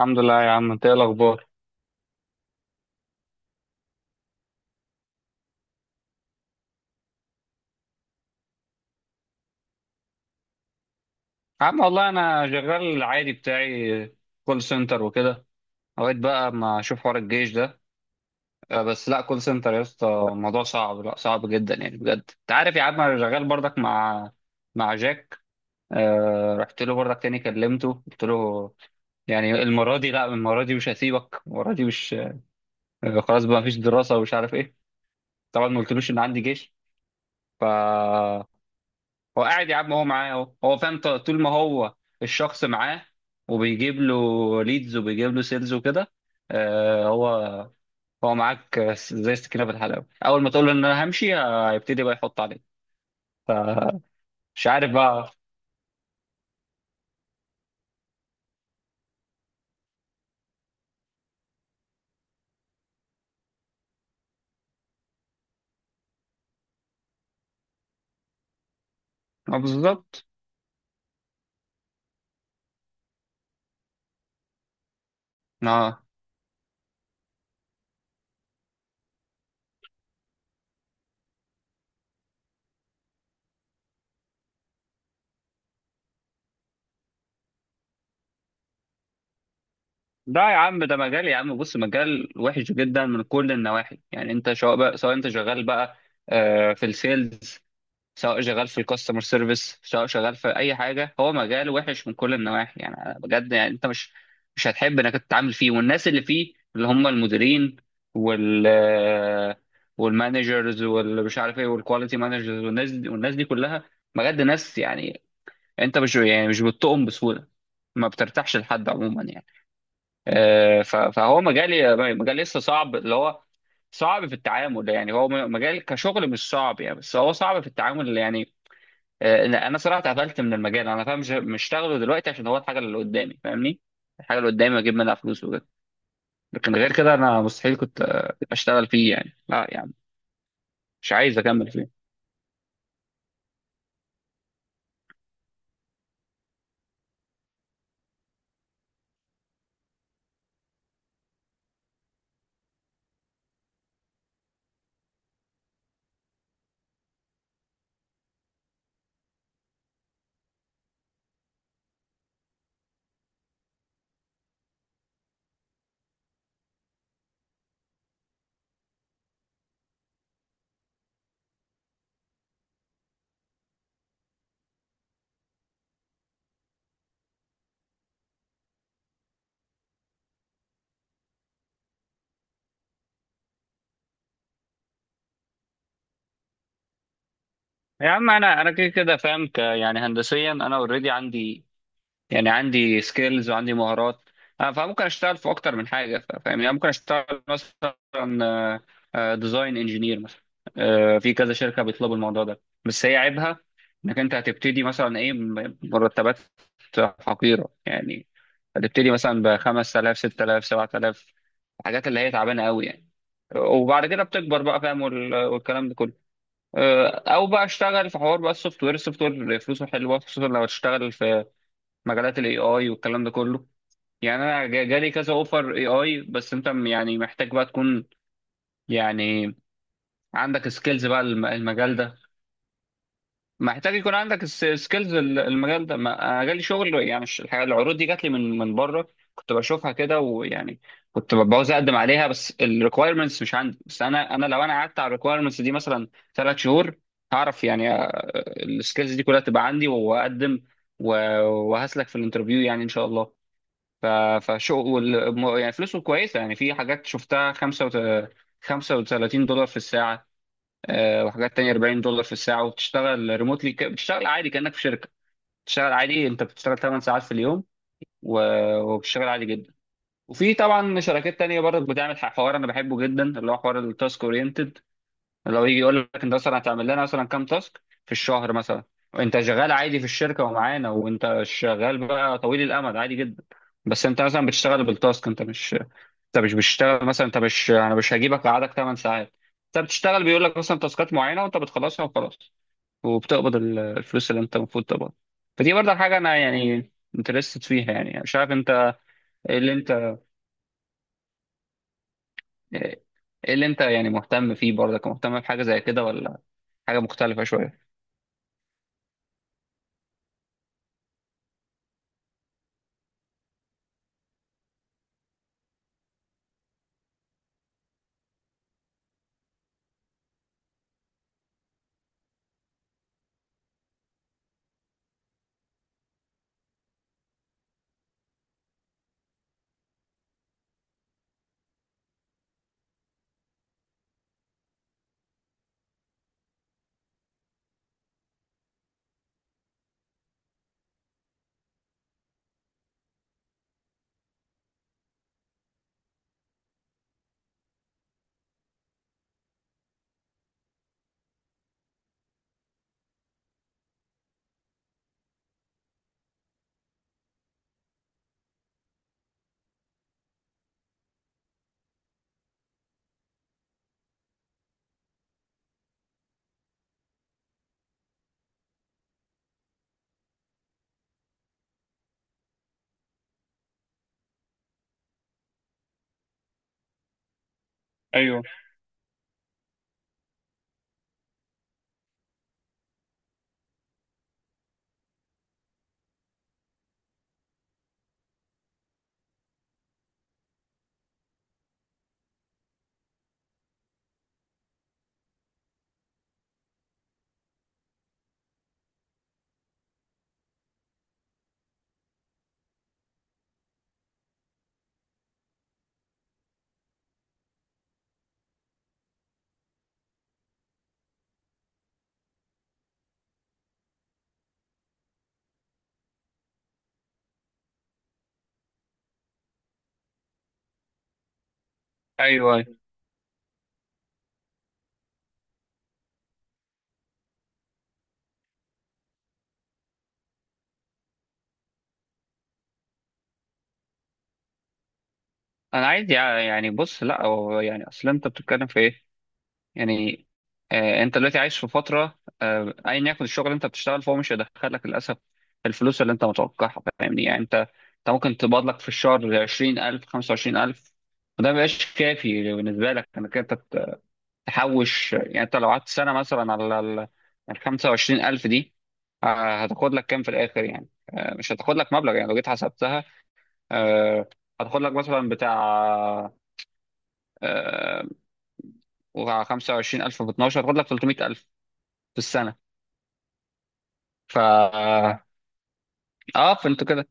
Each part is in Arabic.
الحمد لله يا عم، انت ايه الاخبار؟ يا عم والله انا شغال العادي بتاعي. كول سنتر وكده. لغايه بقى ما اشوف حوار الجيش ده. بس لا، كول سنتر يا اسطى الموضوع صعب، لا صعب جدا يعني، بجد. انت عارف يا عم انا شغال برضك مع جاك. رحت له برضك تاني، كلمته، قلت له يعني المره دي، مش هسيبك، المره دي مش... خلاص بقى، مفيش دراسه ومش عارف ايه. طبعا ما قلتلوش ان عندي جيش. ف هو قاعد يا عم، هو معاه اهو، هو فاهم. طول ما هو الشخص معاه، وبيجيب له ليدز وبيجيب له سيلز وكده. آه هو هو معاك زي السكينه في الحلاوه. اول ما تقول له ان انا همشي، هيبتدي بقى يحط عليك. فمش عارف بقى. آه، بالظبط. اه لا يا عم، ده مجال يا عم، بص، مجال وحش جدا من كل النواحي يعني. انت سواء بقى، سواء انت شغال بقى في السيلز، سواء شغال في الكاستمر سيرفيس، سواء شغال في اي حاجه، هو مجال وحش من كل النواحي يعني. أنا بجد يعني انت مش هتحب انك تتعامل فيه، والناس اللي فيه اللي هم المديرين وال والمانجرز، واللي مش عارف ايه، والكواليتي مانجرز، والناس دي كلها بجد ناس يعني. انت مش يعني مش بتطقم بسهوله، ما بترتاحش لحد عموما يعني. فهو مجال، مجال لسه صعب، اللي هو صعب في التعامل يعني. هو مجال كشغل مش صعب يعني، بس هو صعب في التعامل يعني. انا صراحه اتقفلت من المجال، انا فاهم. مش هشتغله دلوقتي عشان هو الحاجه اللي قدامي، فاهمني. الحاجه اللي قدامي اجيب منها فلوس وكده. لكن غير كده انا مستحيل كنت اشتغل فيه يعني، لا يعني، مش عايز اكمل فيه. يا عم انا كده كده فاهم، يعني، هندسيا انا اوريدي عندي يعني عندي سكيلز وعندي مهارات. فممكن اشتغل في اكتر من حاجه. فاهم يعني. ممكن اشتغل مثلا ديزاين انجينير مثلا. في كذا شركه بيطلبوا الموضوع ده، بس هي عيبها انك انت هتبتدي مثلا ايه، مرتبات حقيره يعني، هتبتدي مثلا ب 5000، 6000، 7000، الحاجات اللي هي تعبانه قوي يعني. وبعد كده بتكبر بقى، فاهم. والكلام ده كله. او بقى اشتغل في حوار بقى السوفت وير. السوفت وير فلوسه حلوه، خصوصا لو هتشتغل في مجالات الاي اي والكلام ده كله. يعني انا جالي كذا اوفر اي اي، بس انت يعني محتاج بقى تكون يعني عندك سكيلز بقى. المجال ده محتاج يكون عندك سكيلز. المجال ده انا جالي شغل يعني، العروض دي جات لي من بره. كنت بشوفها كده ويعني كنت بعوز اقدم عليها، بس الريكويرمنتس مش عندي. بس انا انا لو انا قعدت على الريكويرمنتس دي مثلا 3 شهور، هعرف يعني السكيلز دي كلها تبقى عندي واقدم، و- وهسلك في الانترفيو يعني ان شاء الله. ف- فشو يعني فلوسه كويسة يعني. في حاجات شفتها $35 في الساعة، وحاجات تانية $40 في الساعة، وبتشتغل ريموتلي. بتشتغل عادي كأنك في شركة، بتشتغل عادي، انت بتشتغل 8 ساعات في اليوم، وبتشتغل عادي جدا. وفي طبعا شركات تانية برضه بتعمل حوار انا بحبه جدا، اللي هو حوار التاسك اورينتد. اللي هو يجي يقول لك انت مثلا هتعمل لنا مثلا كام تاسك في الشهر مثلا، وانت شغال عادي في الشركة ومعانا، وانت شغال بقى طويل الامد عادي جدا. بس انت مثلا بتشتغل بالتاسك، انت مش، انت مش بتشتغل مثلا، انت مش، انا مش هجيبك اقعدك 8 ساعات. انت بتشتغل، بيقول لك مثلا تاسكات معينه وانت بتخلصها وخلاص، وبتقبض الفلوس اللي انت المفروض تقبض. فدي برضه حاجه انا يعني انترستد فيها يعني، مش عارف انت. ايه اللي انت ايه اللي انت يعني مهتم فيه برضك، مهتم بحاجه زي كده ولا حاجه مختلفه شويه؟ ايوه ايوه، انا عايز يعني، بص، لا، هو يعني، اصل انت بتتكلم في ايه يعني؟ انت دلوقتي عايش في فتره، ايا يكن الشغل اللي انت بتشتغل، فهو مش هيدخلك للاسف الفلوس اللي انت متوقعها، فاهمني يعني. انت ممكن تقبض لك في الشهر 20000، 25000، وده ما بيبقاش كافي بالنسبه لك انك انت تحوش يعني. انت لو قعدت سنه مثلا على ال 25000 دي، هتاخد لك كام في الاخر يعني. مش هتاخد لك مبلغ يعني، لو جيت حسبتها، آه، هتاخد لك مثلا بتاع آه، وع- 25000 في 12 هتاخد لك 300000 في السنه. ف اه فانتوا كده.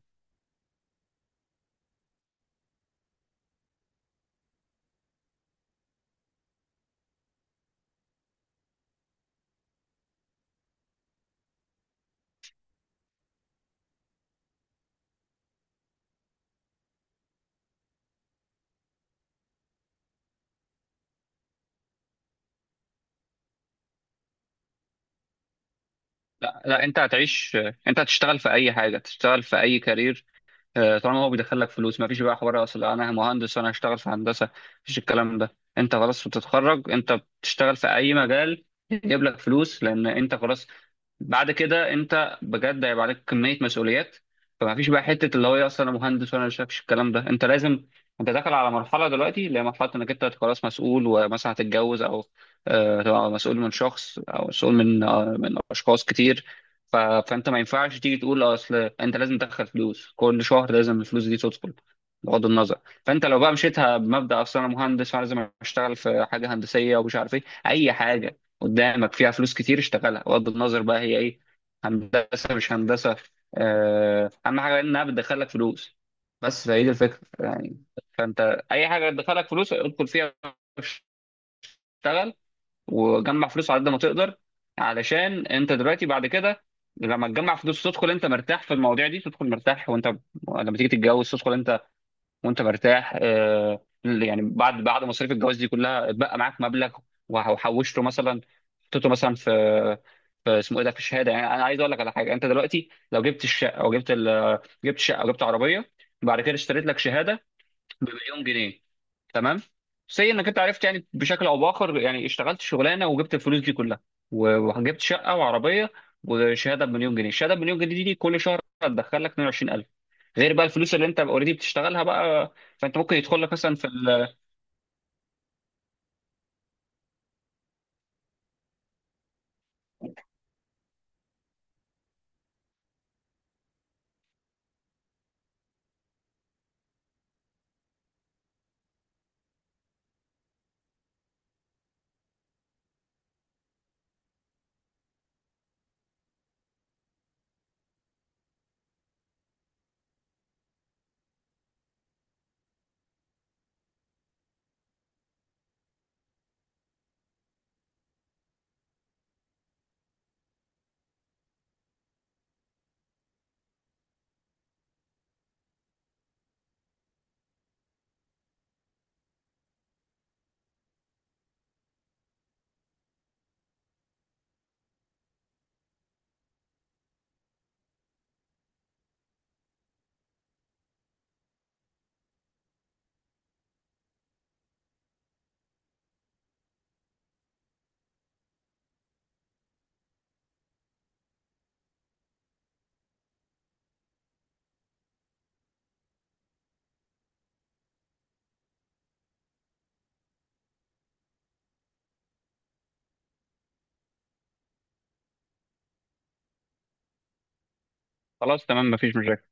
لا لا، انت هتعيش، انت هتشتغل في اي حاجه، تشتغل في اي كارير. طالما هو بيدخل لك فلوس، ما فيش بقى حوار اصل انا مهندس وانا هشتغل في هندسه. مفيش الكلام ده. انت خلاص بتتخرج، انت بتشتغل في اي مجال يجيب لك فلوس، لان انت خلاص بعد كده انت بجد هيبقى عليك كميه مسؤوليات. فما فيش بقى حته اللي هو ايه، اصل انا مهندس وانا مش شافش الكلام ده. انت لازم، انت داخل على مرحله دلوقتي، اللي هي مرحله انك انت خلاص مسؤول، ومثلا هتتجوز او تبقى مسؤول من شخص او مسؤول من من اشخاص كتير. فانت ما ينفعش تيجي تقول اصل انت لازم تدخل فلوس، كل شهر لازم الفلوس دي تدخل بغض النظر. فانت لو بقى مشيتها بمبدأ اصل انا مهندس، فانا لازم اشتغل في حاجه هندسيه، ومش عارف ايه، اي حاجه قدامك فيها فلوس كتير اشتغلها بغض النظر بقى هي ايه، هندسه مش هندسه. اهم حاجه انها بتدخلك فلوس. بس فهي دي الفكره يعني، اي حاجه بتدخلك فلوس ادخل فيها، اشتغل وجمع فلوس على قد ما تقدر، علشان انت دلوقتي بعد كده لما تجمع فلوس تدخل انت مرتاح في المواضيع دي، تدخل مرتاح. وانت لما تيجي تتجوز تدخل انت وانت مرتاح. يعني بعد مصاريف الجواز دي كلها اتبقى معاك مبلغ وحوشته مثلا، حطيته مثلا في، في اسمه ايه ده، في الشهاده. يعني انا عايز اقول لك على حاجه: انت دلوقتي لو جبت الشقه او جبت شقه او جبت عربيه، بعد كده اشتريت لك شهاده بمليون جنيه، تمام. سي انك انت عرفت يعني بشكل او باخر يعني اشتغلت شغلانه وجبت الفلوس دي كلها، وجبت شقه وعربيه وشهاده بمليون جنيه. الشهاده بمليون جنيه دي كل شهر هتدخل لك 22000، غير بقى الفلوس اللي انت اوريدي بتشتغلها بقى. فانت ممكن يدخل لك مثلا في خلاص تمام، مفيش مشاكل.